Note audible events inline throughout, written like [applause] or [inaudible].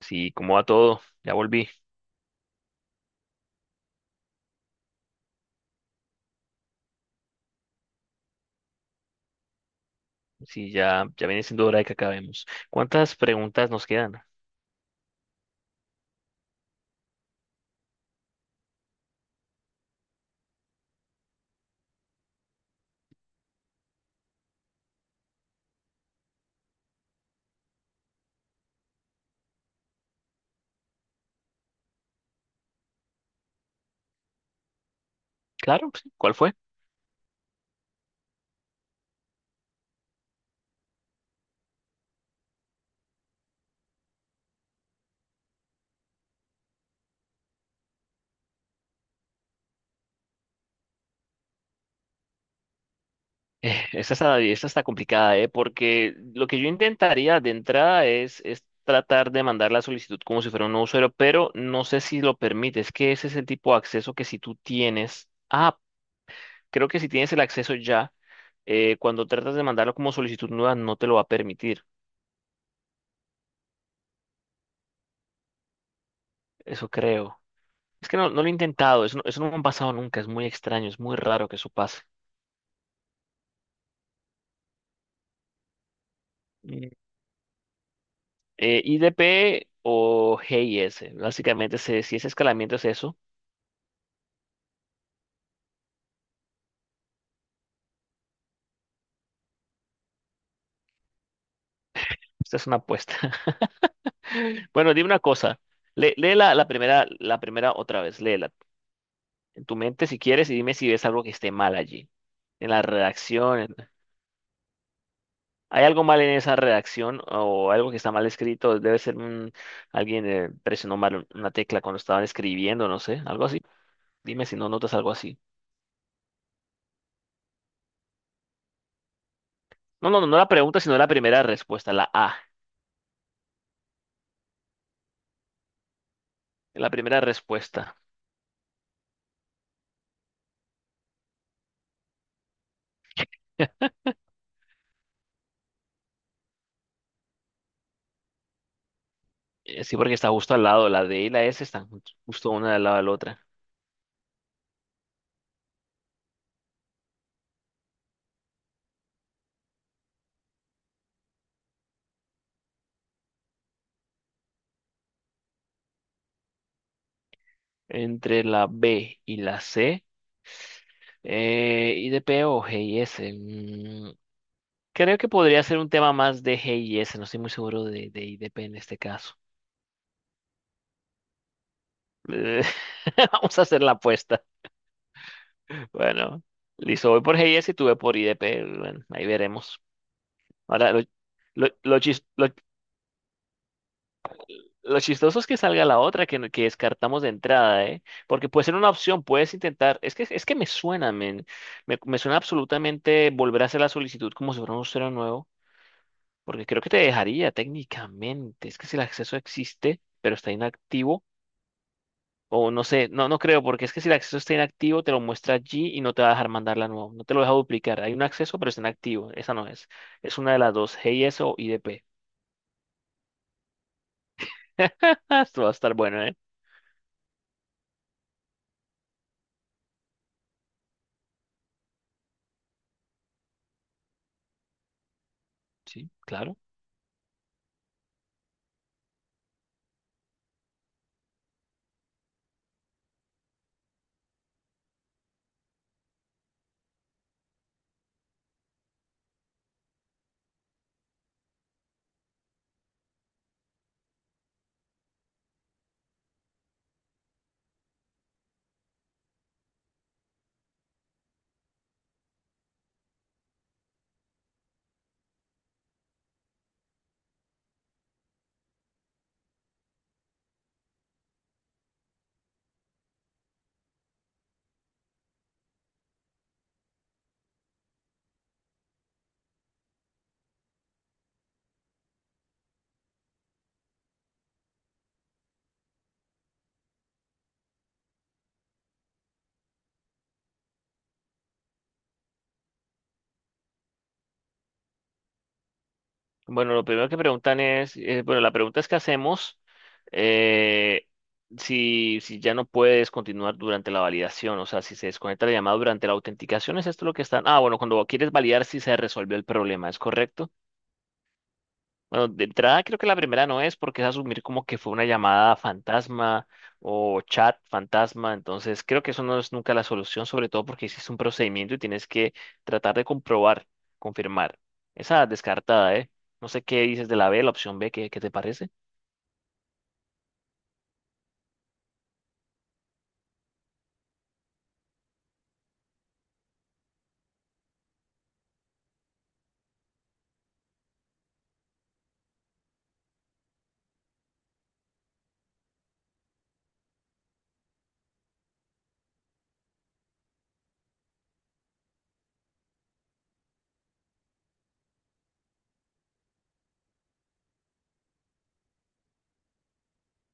Sí, ¿cómo va todo? Ya volví. Sí, ya viene siendo hora de que acabemos. ¿Cuántas preguntas nos quedan? Claro, sí, ¿cuál fue? [laughs] Esta está complicada, ¿eh? Porque lo que yo intentaría de entrada es tratar de mandar la solicitud como si fuera un nuevo usuario, pero no sé si lo permite. Es que ese es el tipo de acceso que si tú tienes. Ah, creo que si tienes el acceso ya, cuando tratas de mandarlo como solicitud nueva, no te lo va a permitir. Eso creo. Es que no lo he intentado, eso no me ha pasado nunca, es muy extraño, es muy raro que eso pase. Mm. IDP o GIS, básicamente si ese escalamiento es eso, esta es una apuesta. [laughs] Bueno, dime una cosa, lee la primera otra vez, léela en tu mente si quieres y dime si ves algo que esté mal allí, en la redacción. ¿Hay algo mal en esa redacción o algo que está mal escrito? Alguien presionó mal una tecla cuando estaban escribiendo, no sé, algo así. Dime si no notas algo así. No, no, no, no la pregunta, sino la primera respuesta, la A. La primera respuesta. [laughs] Sí, porque está justo al lado. La D y la S están justo una al lado de la otra. Entre la B y la C. ¿Y de P o G y S? Creo que podría ser un tema más de G y S. No estoy muy seguro de I, de P en este caso. Eh, [laughs] Vamos a hacer la apuesta. Bueno, listo. Voy por G y S y tú ve por I, de P. Bueno, ahí veremos. Ahora, lo chis- lo chistoso es que salga la otra que descartamos de entrada, ¿eh? Porque puede ser una opción, puedes intentar. Es que me suena, men. Me suena absolutamente volver a hacer la solicitud como si fuera un usuario nuevo, porque creo que te dejaría técnicamente. Es que si el acceso existe, pero está inactivo, o no sé, no creo, porque es que si el acceso está inactivo, te lo muestra allí y no te va a dejar mandarla nuevo. No te lo deja duplicar. Hay un acceso, pero está inactivo. Esa no es. Es una de las dos, GIS o IDP. [laughs] Esto va a estar bueno, ¿eh? Sí, claro. Bueno, lo primero que preguntan es, bueno, la pregunta es que hacemos eh, si ya no puedes continuar durante la validación, o sea, si se desconecta la llamada durante la autenticación, ¿es esto lo que están? Ah, bueno, cuando quieres validar si se resolvió el problema, ¿es correcto? Bueno, de entrada creo que la primera no es porque es asumir como que fue una llamada fantasma o chat fantasma, entonces creo que eso no es nunca la solución, sobre todo porque hiciste un procedimiento y tienes que tratar de comprobar, confirmar. Esa descartada, ¿eh? No sé qué dices de la B, la opción B, ¿qué, qué te parece?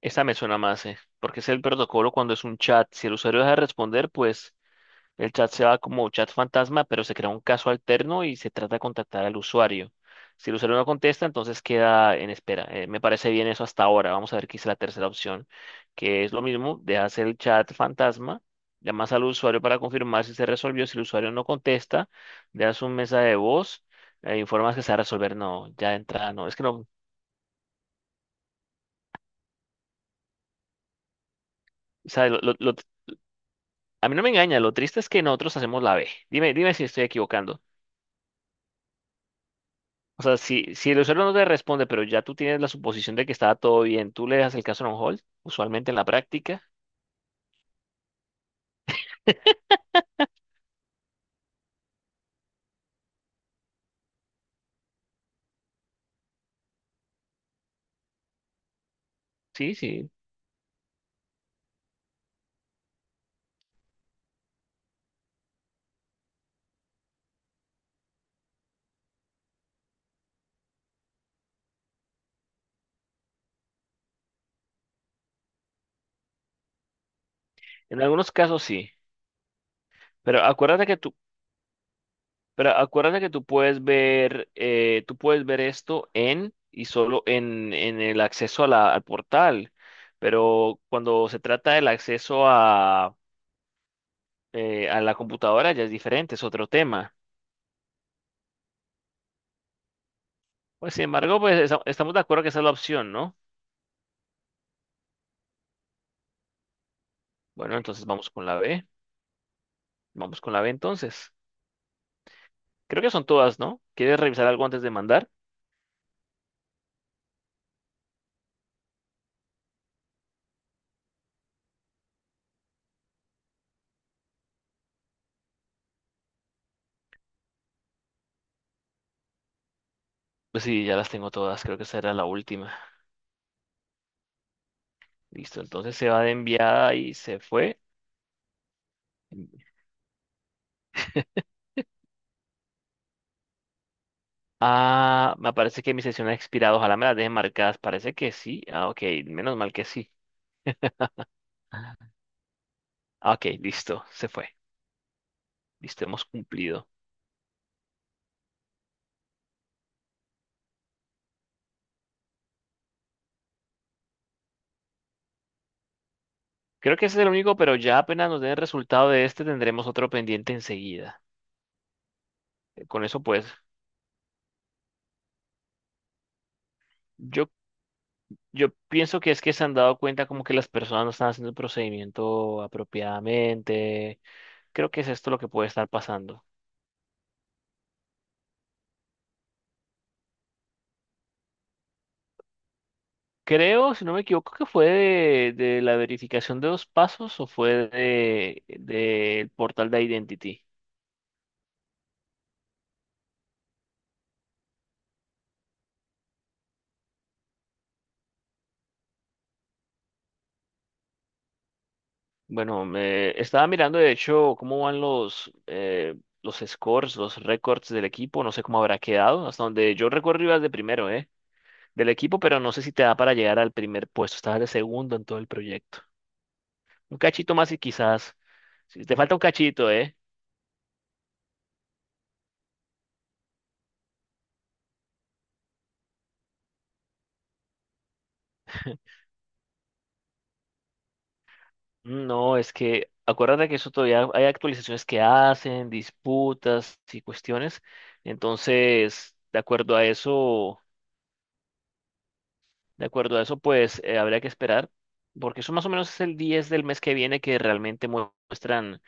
Esta me suena más, ¿eh? Porque es el protocolo cuando es un chat. Si el usuario deja de responder, pues el chat se va como chat fantasma, pero se crea un caso alterno y se trata de contactar al usuario. Si el usuario no contesta, entonces queda en espera. Me parece bien eso hasta ahora. Vamos a ver qué es la tercera opción, que es lo mismo, dejas el chat fantasma, llamas al usuario para confirmar si se resolvió. Si el usuario no contesta, dejas un mensaje de voz, informas que se va a resolver. No, ya de entrada, no. Es que no, o sea, a mí no me engaña, lo triste es que nosotros hacemos la B. Dime, dime si estoy equivocando. O sea, si el usuario no te responde, pero ya tú tienes la suposición de que estaba todo bien, tú le das el caso en on hold, usualmente en la práctica. Sí, sí. En algunos casos sí. Pero acuérdate que tú, pero acuérdate que tú puedes ver esto en y solo en el acceso al portal. Pero cuando se trata del acceso a la computadora ya es diferente, es otro tema. Pues sin embargo, pues estamos de acuerdo que esa es la opción, ¿no? Bueno, entonces vamos con la B. Vamos con la B entonces. Creo que son todas, ¿no? ¿Quieres revisar algo antes de mandar? Pues sí, ya las tengo todas, creo que esa era la última. Listo, entonces se va de enviada y se fue. [laughs] Ah, me parece que mi sesión ha expirado, ojalá me las dejen marcadas, parece que sí. Ah, ok, menos mal que sí. Ah, ok, listo, se fue. Listo, hemos cumplido. Creo que ese es el único, pero ya apenas nos den el resultado de este, tendremos otro pendiente enseguida. Con eso, pues, yo, yo pienso que es que se han dado cuenta como que las personas no están haciendo el procedimiento apropiadamente. Creo que es esto lo que puede estar pasando. Creo, si no me equivoco, que fue de la verificación de dos pasos o fue del portal de Identity. Bueno, me estaba mirando de hecho cómo van los scores, los récords del equipo. No sé cómo habrá quedado. Hasta donde yo recuerdo ibas de primero, ¿eh? Del equipo, pero no sé si te da para llegar al primer puesto. Estabas de segundo en todo el proyecto. Un cachito más y quizás. Si te falta un cachito, ¿eh? No, es que acuérdate que eso todavía hay actualizaciones que hacen, disputas y cuestiones. Entonces, de acuerdo a eso, de acuerdo a eso, pues habría que esperar, porque eso más o menos es el 10 del mes que viene que realmente muestran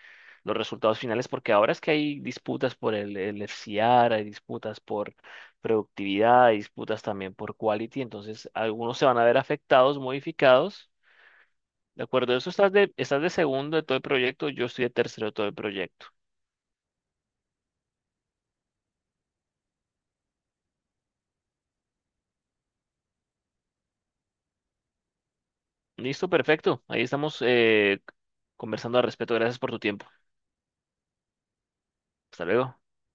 los resultados finales, porque ahora es que hay disputas el FCR, hay disputas por productividad, hay disputas también por quality, entonces algunos se van a ver afectados, modificados de acuerdo, eso estás de segundo de todo el proyecto, yo estoy de tercero de todo el proyecto. Listo, perfecto. Ahí estamos conversando al respecto. Gracias por tu tiempo. Hasta luego.